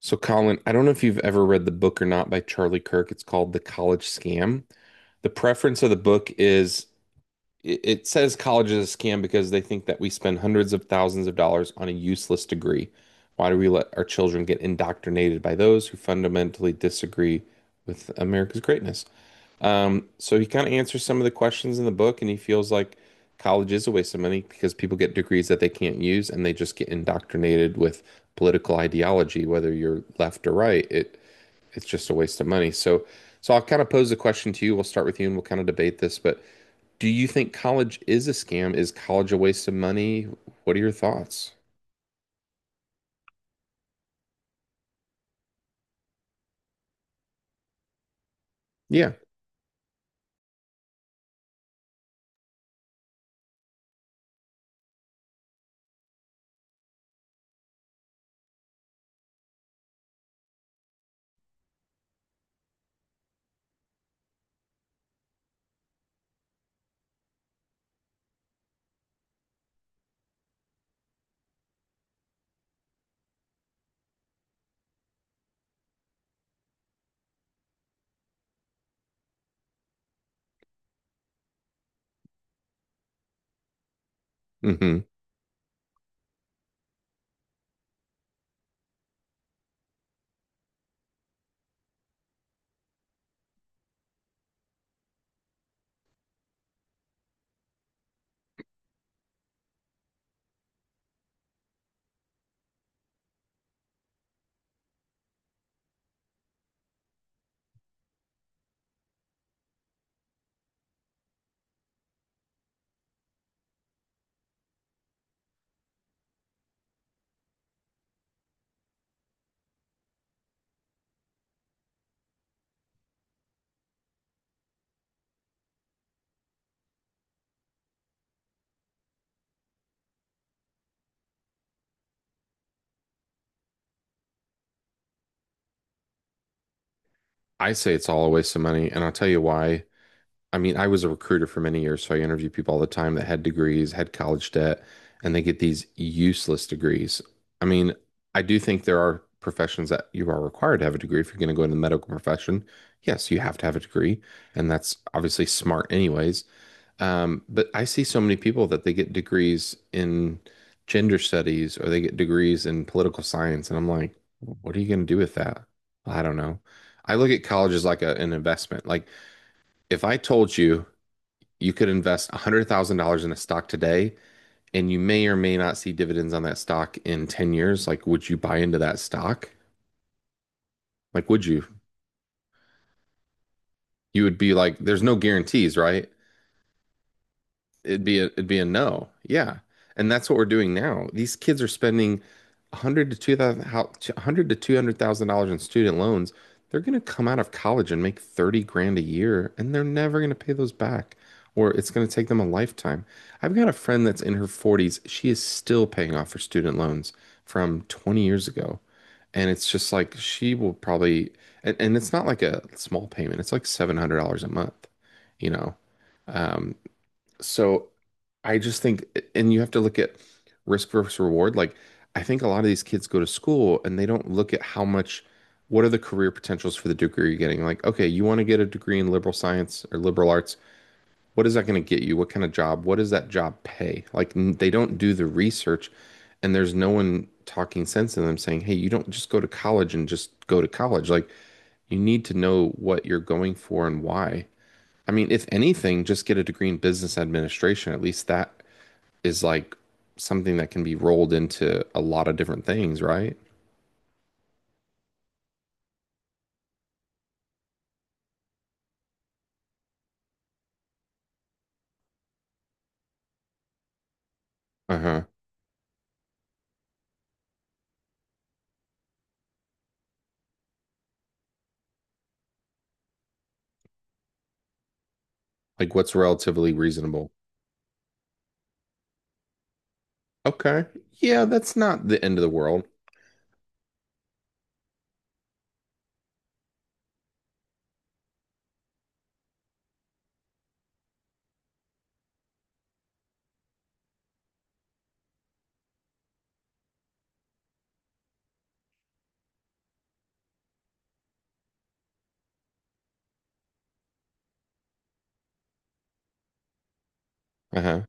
So, Colin, I don't know if you've ever read the book or not by Charlie Kirk. It's called The College Scam. The preference of the book is it says college is a scam because they think that we spend hundreds of thousands of dollars on a useless degree. Why do we let our children get indoctrinated by those who fundamentally disagree with America's greatness? So he kind of answers some of the questions in the book, and he feels like college is a waste of money because people get degrees that they can't use and they just get indoctrinated with political ideology, whether you're left or right. It's just a waste of money. So I'll kind of pose the question to you. We'll start with you and we'll kind of debate this, but do you think college is a scam? Is college a waste of money? What are your thoughts? Yeah. Hmm. I say it's all a waste of money, and I'll tell you why. I mean, I was a recruiter for many years, so I interview people all the time that had degrees, had college debt, and they get these useless degrees. I mean, I do think there are professions that you are required to have a degree if you're going to go into the medical profession. Yes, you have to have a degree, and that's obviously smart anyways. But I see so many people that they get degrees in gender studies or they get degrees in political science, and I'm like, what are you going to do with that? I don't know. I look at college as like a, an investment. Like if I told you you could invest $100,000 in a stock today and you may or may not see dividends on that stock in 10 years. Like, would you buy into that stock? Like, would you? You would be like, there's no guarantees, right? It'd be a no. Yeah. And that's what we're doing now. These kids are spending 100 to 2000 how 100 to $200,000 in student loans. They're going to come out of college and make 30 grand a year and they're never going to pay those back or it's going to take them a lifetime. I've got a friend that's in her 40s. She is still paying off her student loans from 20 years ago. And it's just like she will probably. And it's not like a small payment. It's like $700 a month, you know. Um, so I just think, and you have to look at risk versus reward. Like, I think a lot of these kids go to school and they don't look at how much, what are the career potentials for the degree you're getting? Like, okay, you want to get a degree in liberal science or liberal arts. What is that going to get you? What kind of job? What does that job pay? Like, they don't do the research, and there's no one talking sense in them saying, hey, you don't just go to college and just go to college. Like, you need to know what you're going for and why. I mean, if anything, just get a degree in business administration. At least that is like something that can be rolled into a lot of different things, right? Uh-huh. Like what's relatively reasonable. Okay. Yeah, that's not the end of the world. Uh-huh.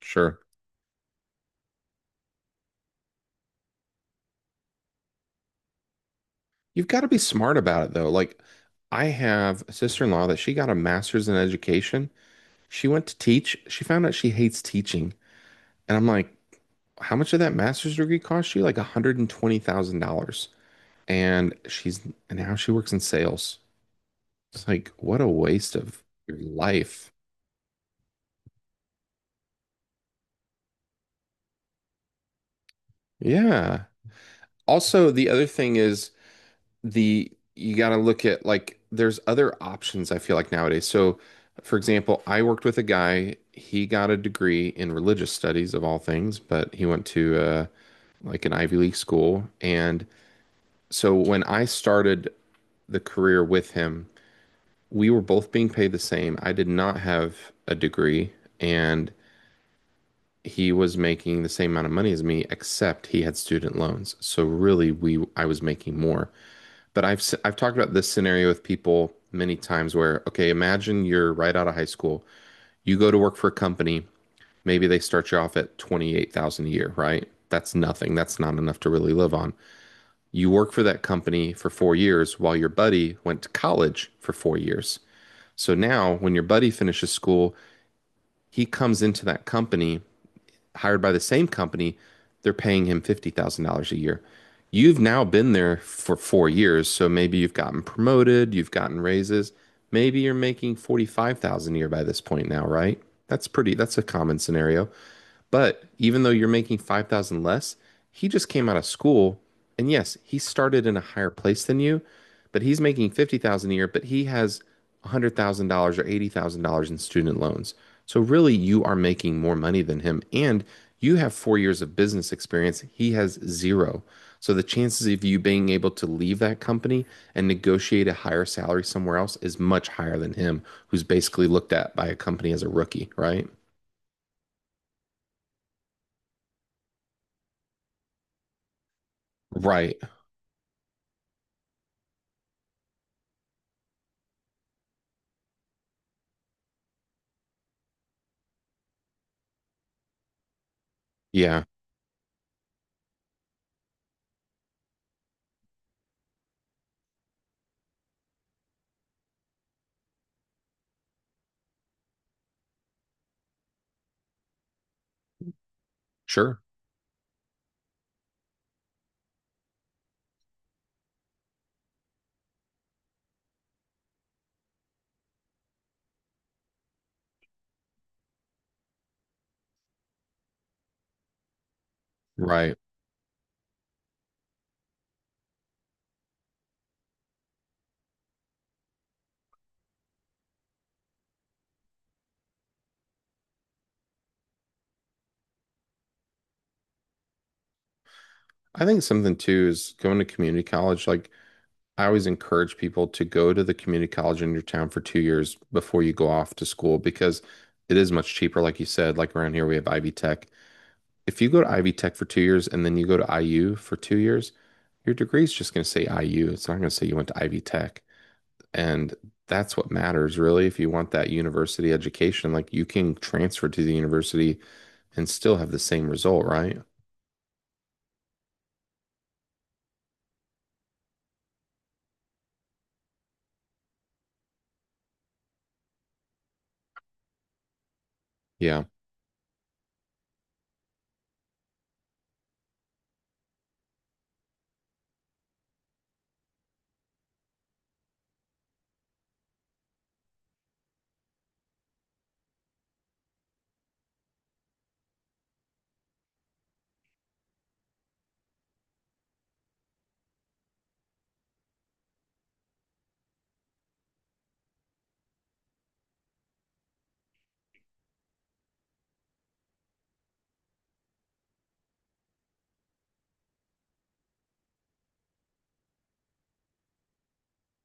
Sure. You've got to be smart about it though. Like I have a sister-in-law that she got a master's in education. She went to teach. She found out she hates teaching. And I'm like, how much did that master's degree cost you? Like $120,000. And she's and now she works in sales. It's like, what a waste of your life. Yeah. Also, the other thing is the you got to look at like there's other options I feel like nowadays. So, for example, I worked with a guy, he got a degree in religious studies of all things, but he went to like an Ivy League school. And so when I started the career with him, we were both being paid the same. I did not have a degree and he was making the same amount of money as me, except he had student loans. So really we I was making more. But I've talked about this scenario with people many times where, okay, imagine you're right out of high school. You go to work for a company. Maybe they start you off at 28,000 a year, right? That's nothing. That's not enough to really live on. You work for that company for 4 years while your buddy went to college for 4 years. So now when your buddy finishes school, he comes into that company hired by the same company, they're paying him $50,000 a year. You've now been there for 4 years, so maybe you've gotten promoted, you've gotten raises. Maybe you're making 45,000 a year by this point now, right? That's pretty, that's a common scenario. But even though you're making 5,000 less, he just came out of school and yes, he started in a higher place than you, but he's making 50,000 a year, but he has $100,000 or $80,000 in student loans. So really you are making more money than him and you have 4 years of business experience. He has zero. So the chances of you being able to leave that company and negotiate a higher salary somewhere else is much higher than him, who's basically looked at by a company as a rookie, right? Right. Yeah. Sure. Right. I think something too is going to community college. Like I always encourage people to go to the community college in your town for 2 years before you go off to school because it is much cheaper. Like you said, like around here we have Ivy Tech. If you go to Ivy Tech for 2 years and then you go to IU for 2 years, your degree is just going to say IU. It's not going to say you went to Ivy Tech. And that's what matters really. If you want that university education, like you can transfer to the university and still have the same result, right? Yeah.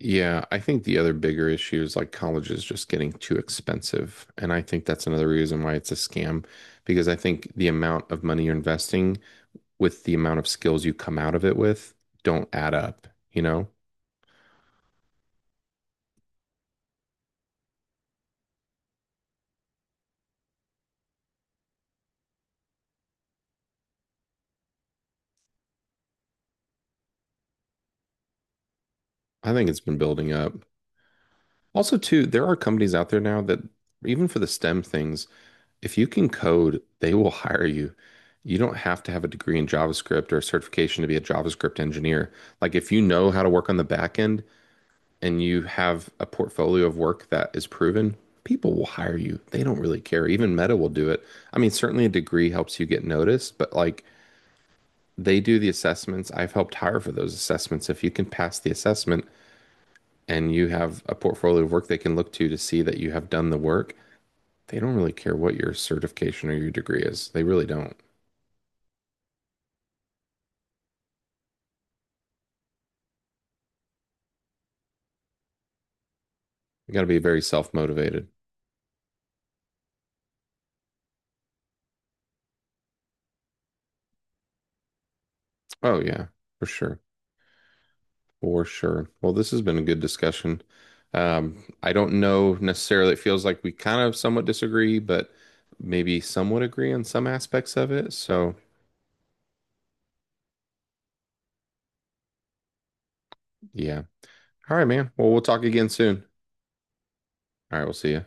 Yeah, I think the other bigger issue is like college is just getting too expensive. And I think that's another reason why it's a scam, because I think the amount of money you're investing with the amount of skills you come out of it with don't add up, you know? I think it's been building up. Also, too, there are companies out there now that even for the STEM things, if you can code, they will hire you. You don't have to have a degree in JavaScript or a certification to be a JavaScript engineer. Like if you know how to work on the backend and you have a portfolio of work that is proven, people will hire you. They don't really care. Even Meta will do it. I mean, certainly a degree helps you get noticed, but like they do the assessments. I've helped hire for those assessments. If you can pass the assessment and you have a portfolio of work they can look to see that you have done the work, they don't really care what your certification or your degree is. They really don't. You got to be very self motivated. Oh, yeah, for sure. For sure. Well, this has been a good discussion. I don't know necessarily. It feels like we kind of somewhat disagree, but maybe somewhat agree on some aspects of it. So, yeah. All right, man. Well, we'll talk again soon. All right, we'll see you.